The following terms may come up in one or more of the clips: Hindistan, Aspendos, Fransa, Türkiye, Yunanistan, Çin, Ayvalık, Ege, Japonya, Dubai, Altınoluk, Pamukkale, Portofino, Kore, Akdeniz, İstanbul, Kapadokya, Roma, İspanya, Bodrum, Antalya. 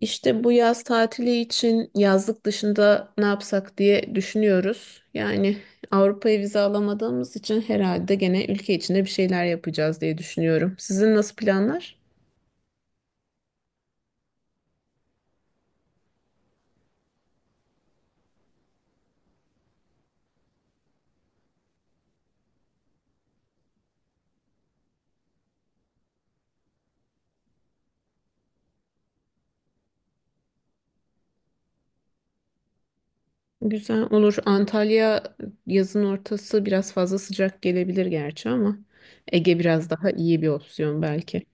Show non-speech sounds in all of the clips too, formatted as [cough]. İşte bu yaz tatili için yazlık dışında ne yapsak diye düşünüyoruz. Yani Avrupa'ya vize alamadığımız için herhalde gene ülke içinde bir şeyler yapacağız diye düşünüyorum. Sizin nasıl planlar? Güzel olur. Antalya yazın ortası biraz fazla sıcak gelebilir gerçi ama Ege biraz daha iyi bir opsiyon belki.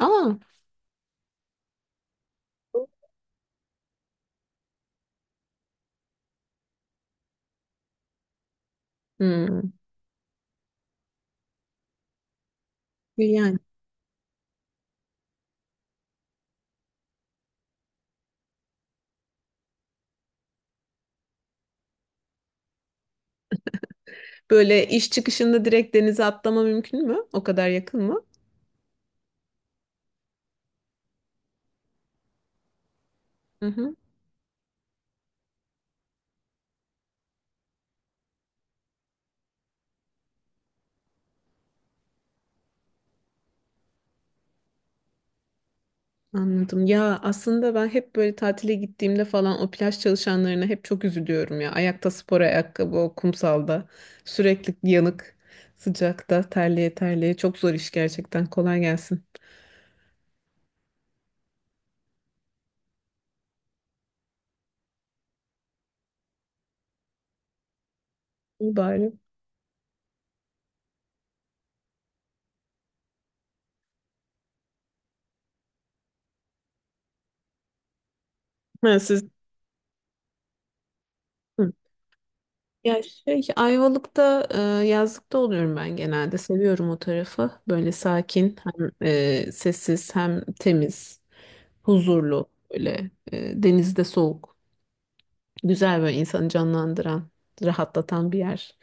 Aa. Hmm. Yani böyle iş çıkışında direkt denize atlama mümkün mü? O kadar yakın mı? Hı hı. Anladım. Ya aslında ben hep böyle tatile gittiğimde falan o plaj çalışanlarına hep çok üzülüyorum ya. Ayakta spor ayakkabı o kumsalda sürekli yanık, sıcakta terleye terleye çok zor iş gerçekten. Kolay gelsin. İyi bari. Ha, siz... Hı. Ya şey Ayvalık'ta yazlıkta oluyorum ben genelde. Seviyorum o tarafı. Böyle sakin, hem sessiz hem temiz, huzurlu, böyle denizde soğuk. Güzel, böyle insanı canlandıran, rahatlatan bir yer.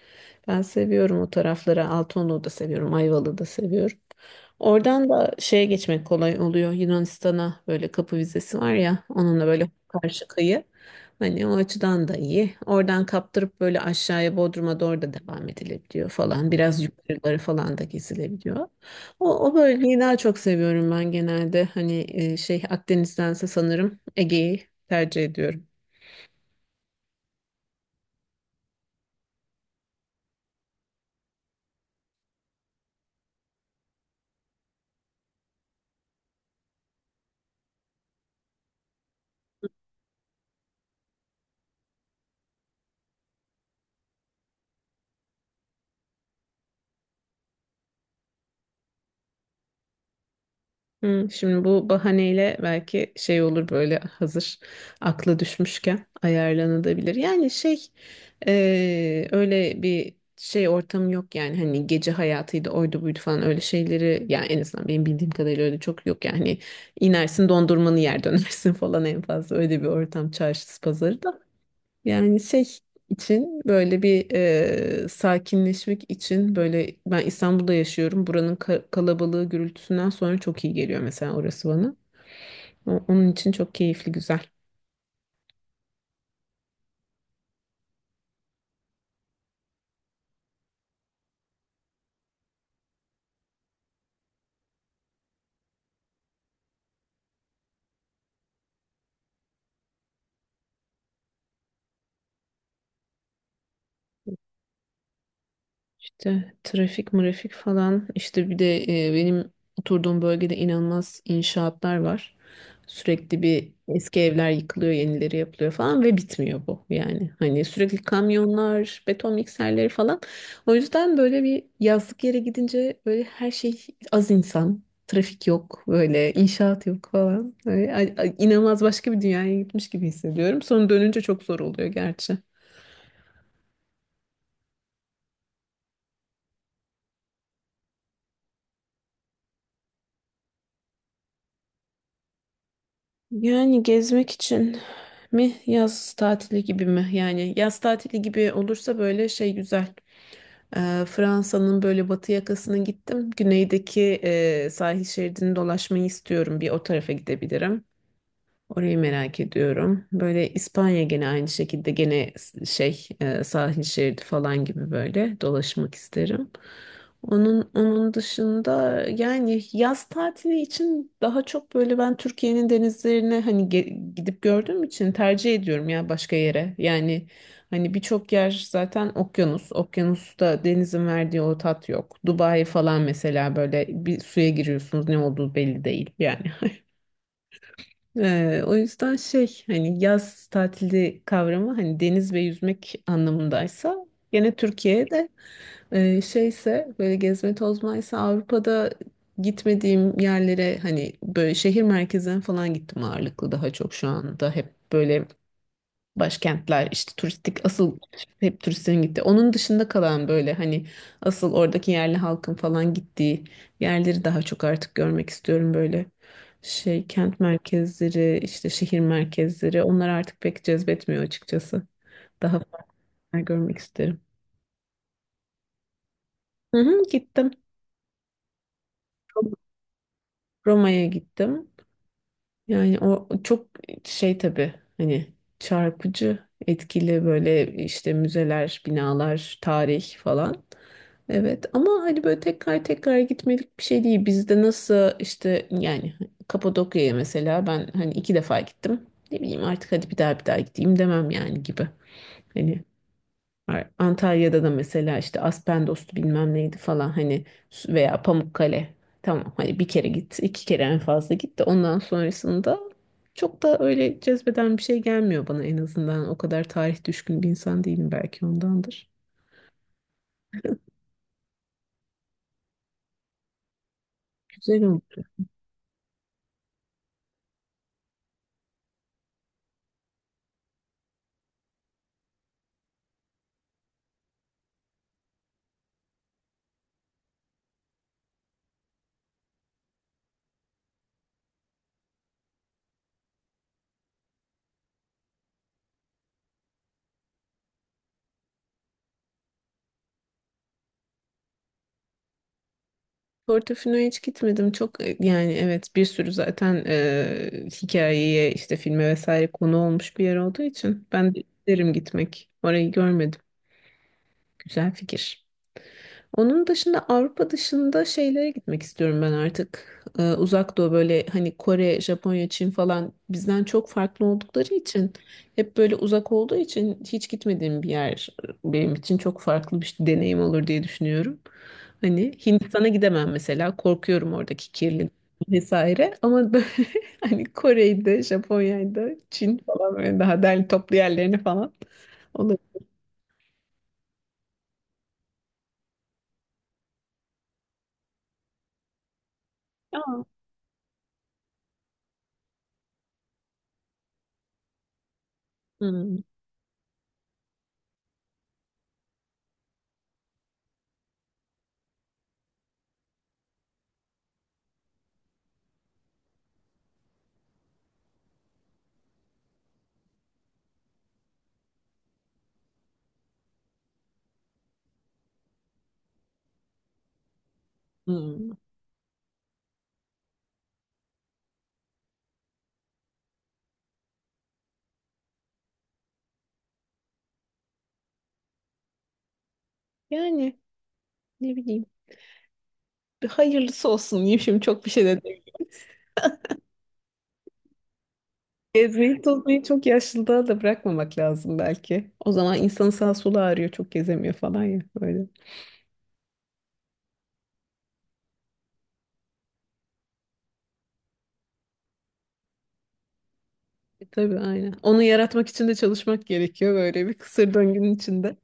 Ben seviyorum o tarafları. Altınoluk'u da seviyorum, Ayvalık'ı da seviyorum. Oradan da şeye geçmek kolay oluyor. Yunanistan'a böyle kapı vizesi var ya, onunla böyle karşı kıyı. Hani o açıdan da iyi. Oradan kaptırıp böyle aşağıya Bodrum'a doğru da devam edilebiliyor falan. Biraz yukarıları falan da gezilebiliyor. O bölgeyi daha çok seviyorum ben genelde. Hani şey Akdeniz'dense sanırım Ege'yi tercih ediyorum. Hmm, şimdi bu bahaneyle belki şey olur, böyle hazır aklı düşmüşken ayarlanabilir. Yani şey öyle bir şey ortamı yok, yani hani gece hayatıydı, oydu buydu falan, öyle şeyleri yani en azından benim bildiğim kadarıyla öyle çok yok yani. Hani inersin, dondurmanı yer, dönersin [laughs] falan, en fazla öyle bir ortam, çarşısı pazarı da. Yani şey için böyle bir, sakinleşmek için, böyle ben İstanbul'da yaşıyorum. Buranın kalabalığı, gürültüsünden sonra çok iyi geliyor mesela orası bana. Onun için çok keyifli, güzel. İşte trafik mırafik falan, işte bir de benim oturduğum bölgede inanılmaz inşaatlar var. Sürekli bir eski evler yıkılıyor, yenileri yapılıyor falan ve bitmiyor bu yani. Hani sürekli kamyonlar, beton mikserleri falan. O yüzden böyle bir yazlık yere gidince böyle her şey, az insan, trafik yok, böyle inşaat yok falan. Böyle, inanılmaz başka bir dünyaya gitmiş gibi hissediyorum. Sonra dönünce çok zor oluyor gerçi. Yani gezmek için mi, yaz tatili gibi mi? Yani yaz tatili gibi olursa böyle şey güzel. Fransa'nın böyle batı yakasına gittim. Güneydeki sahil şeridini dolaşmayı istiyorum. Bir o tarafa gidebilirim. Orayı merak ediyorum. Böyle İspanya, gene aynı şekilde, gene şey sahil şeridi falan gibi böyle dolaşmak isterim. Onun dışında yani yaz tatili için daha çok böyle ben Türkiye'nin denizlerine hani gidip gördüğüm için tercih ediyorum ya başka yere. Yani hani birçok yer zaten okyanus. Okyanusta denizin verdiği o tat yok. Dubai falan mesela, böyle bir suya giriyorsunuz ne olduğu belli değil yani. O yüzden şey hani yaz tatili kavramı hani deniz ve yüzmek anlamındaysa gene Türkiye'de, şeyse böyle gezme tozmaysa Avrupa'da gitmediğim yerlere, hani böyle şehir merkezlerine falan gittim ağırlıklı, daha çok şu anda hep böyle başkentler işte, turistik asıl hep turistlerin gittiği. Onun dışında kalan böyle hani asıl oradaki yerli halkın falan gittiği yerleri daha çok artık görmek istiyorum böyle. Şey kent merkezleri işte şehir merkezleri, onlar artık pek cezbetmiyor açıkçası. Daha farklı görmek isterim. Hı hı, gittim. Roma'ya gittim. Yani o çok şey tabii, hani çarpıcı, etkili böyle, işte müzeler, binalar, tarih falan. Evet ama hani böyle tekrar tekrar gitmelik bir şey değil. Bizde nasıl işte, yani Kapadokya'ya mesela ben hani iki defa gittim. Ne bileyim artık, hadi bir daha bir daha gideyim demem yani gibi, hani. Antalya'da da mesela işte Aspendos bilmem neydi falan, hani veya Pamukkale. Tamam hani bir kere git, iki kere en fazla git, de ondan sonrasında çok da öyle cezbeden bir şey gelmiyor bana en azından. O kadar tarih düşkün bir insan değilim, belki ondandır. Güzel oldu. Portofino'ya hiç gitmedim. Çok yani evet, bir sürü zaten hikayeye, işte filme vesaire konu olmuş bir yer olduğu için ben de isterim gitmek. Orayı görmedim. Güzel fikir. Onun dışında Avrupa dışında şeylere gitmek istiyorum ben artık. Uzak doğu, böyle hani Kore, Japonya, Çin falan bizden çok farklı oldukları için, hep böyle uzak olduğu için hiç gitmediğim bir yer, benim için çok farklı bir deneyim olur diye düşünüyorum. Hani Hindistan'a gidemem mesela, korkuyorum oradaki kirlilik vesaire, ama böyle [laughs] hani Kore'de, Japonya'da, Çin falan böyle daha derli toplu yerlerini falan olabilir. Ama, hmm, hmm. Yani ne bileyim. Hayırlısı olsun diyeyim, şimdi çok bir şey de diyeyim. Gezmeyi tozmayı çok yaşlılığa da bırakmamak lazım belki. O zaman insanın sağ solu ağrıyor, çok gezemiyor falan ya böyle. E, tabii aynen. Onu yaratmak için de çalışmak gerekiyor, böyle bir kısır döngünün içinde.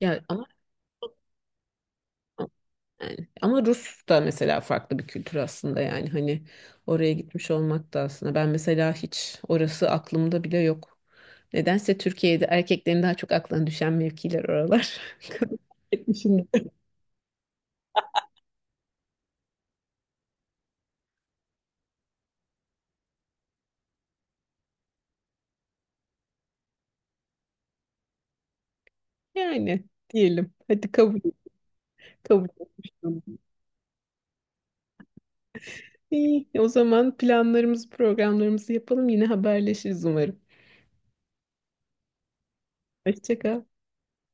Ya ama yani, ama Rus da mesela farklı bir kültür aslında, yani hani oraya gitmiş olmak da aslında. Ben mesela hiç orası aklımda bile yok. Nedense Türkiye'de erkeklerin daha çok aklına düşen mevkiler oralar. [laughs] Kadın erkek, yani diyelim. Hadi kabul etmiştim. İyi, o zaman planlarımızı, programlarımızı yapalım. Yine haberleşiriz umarım. Hoşça kal.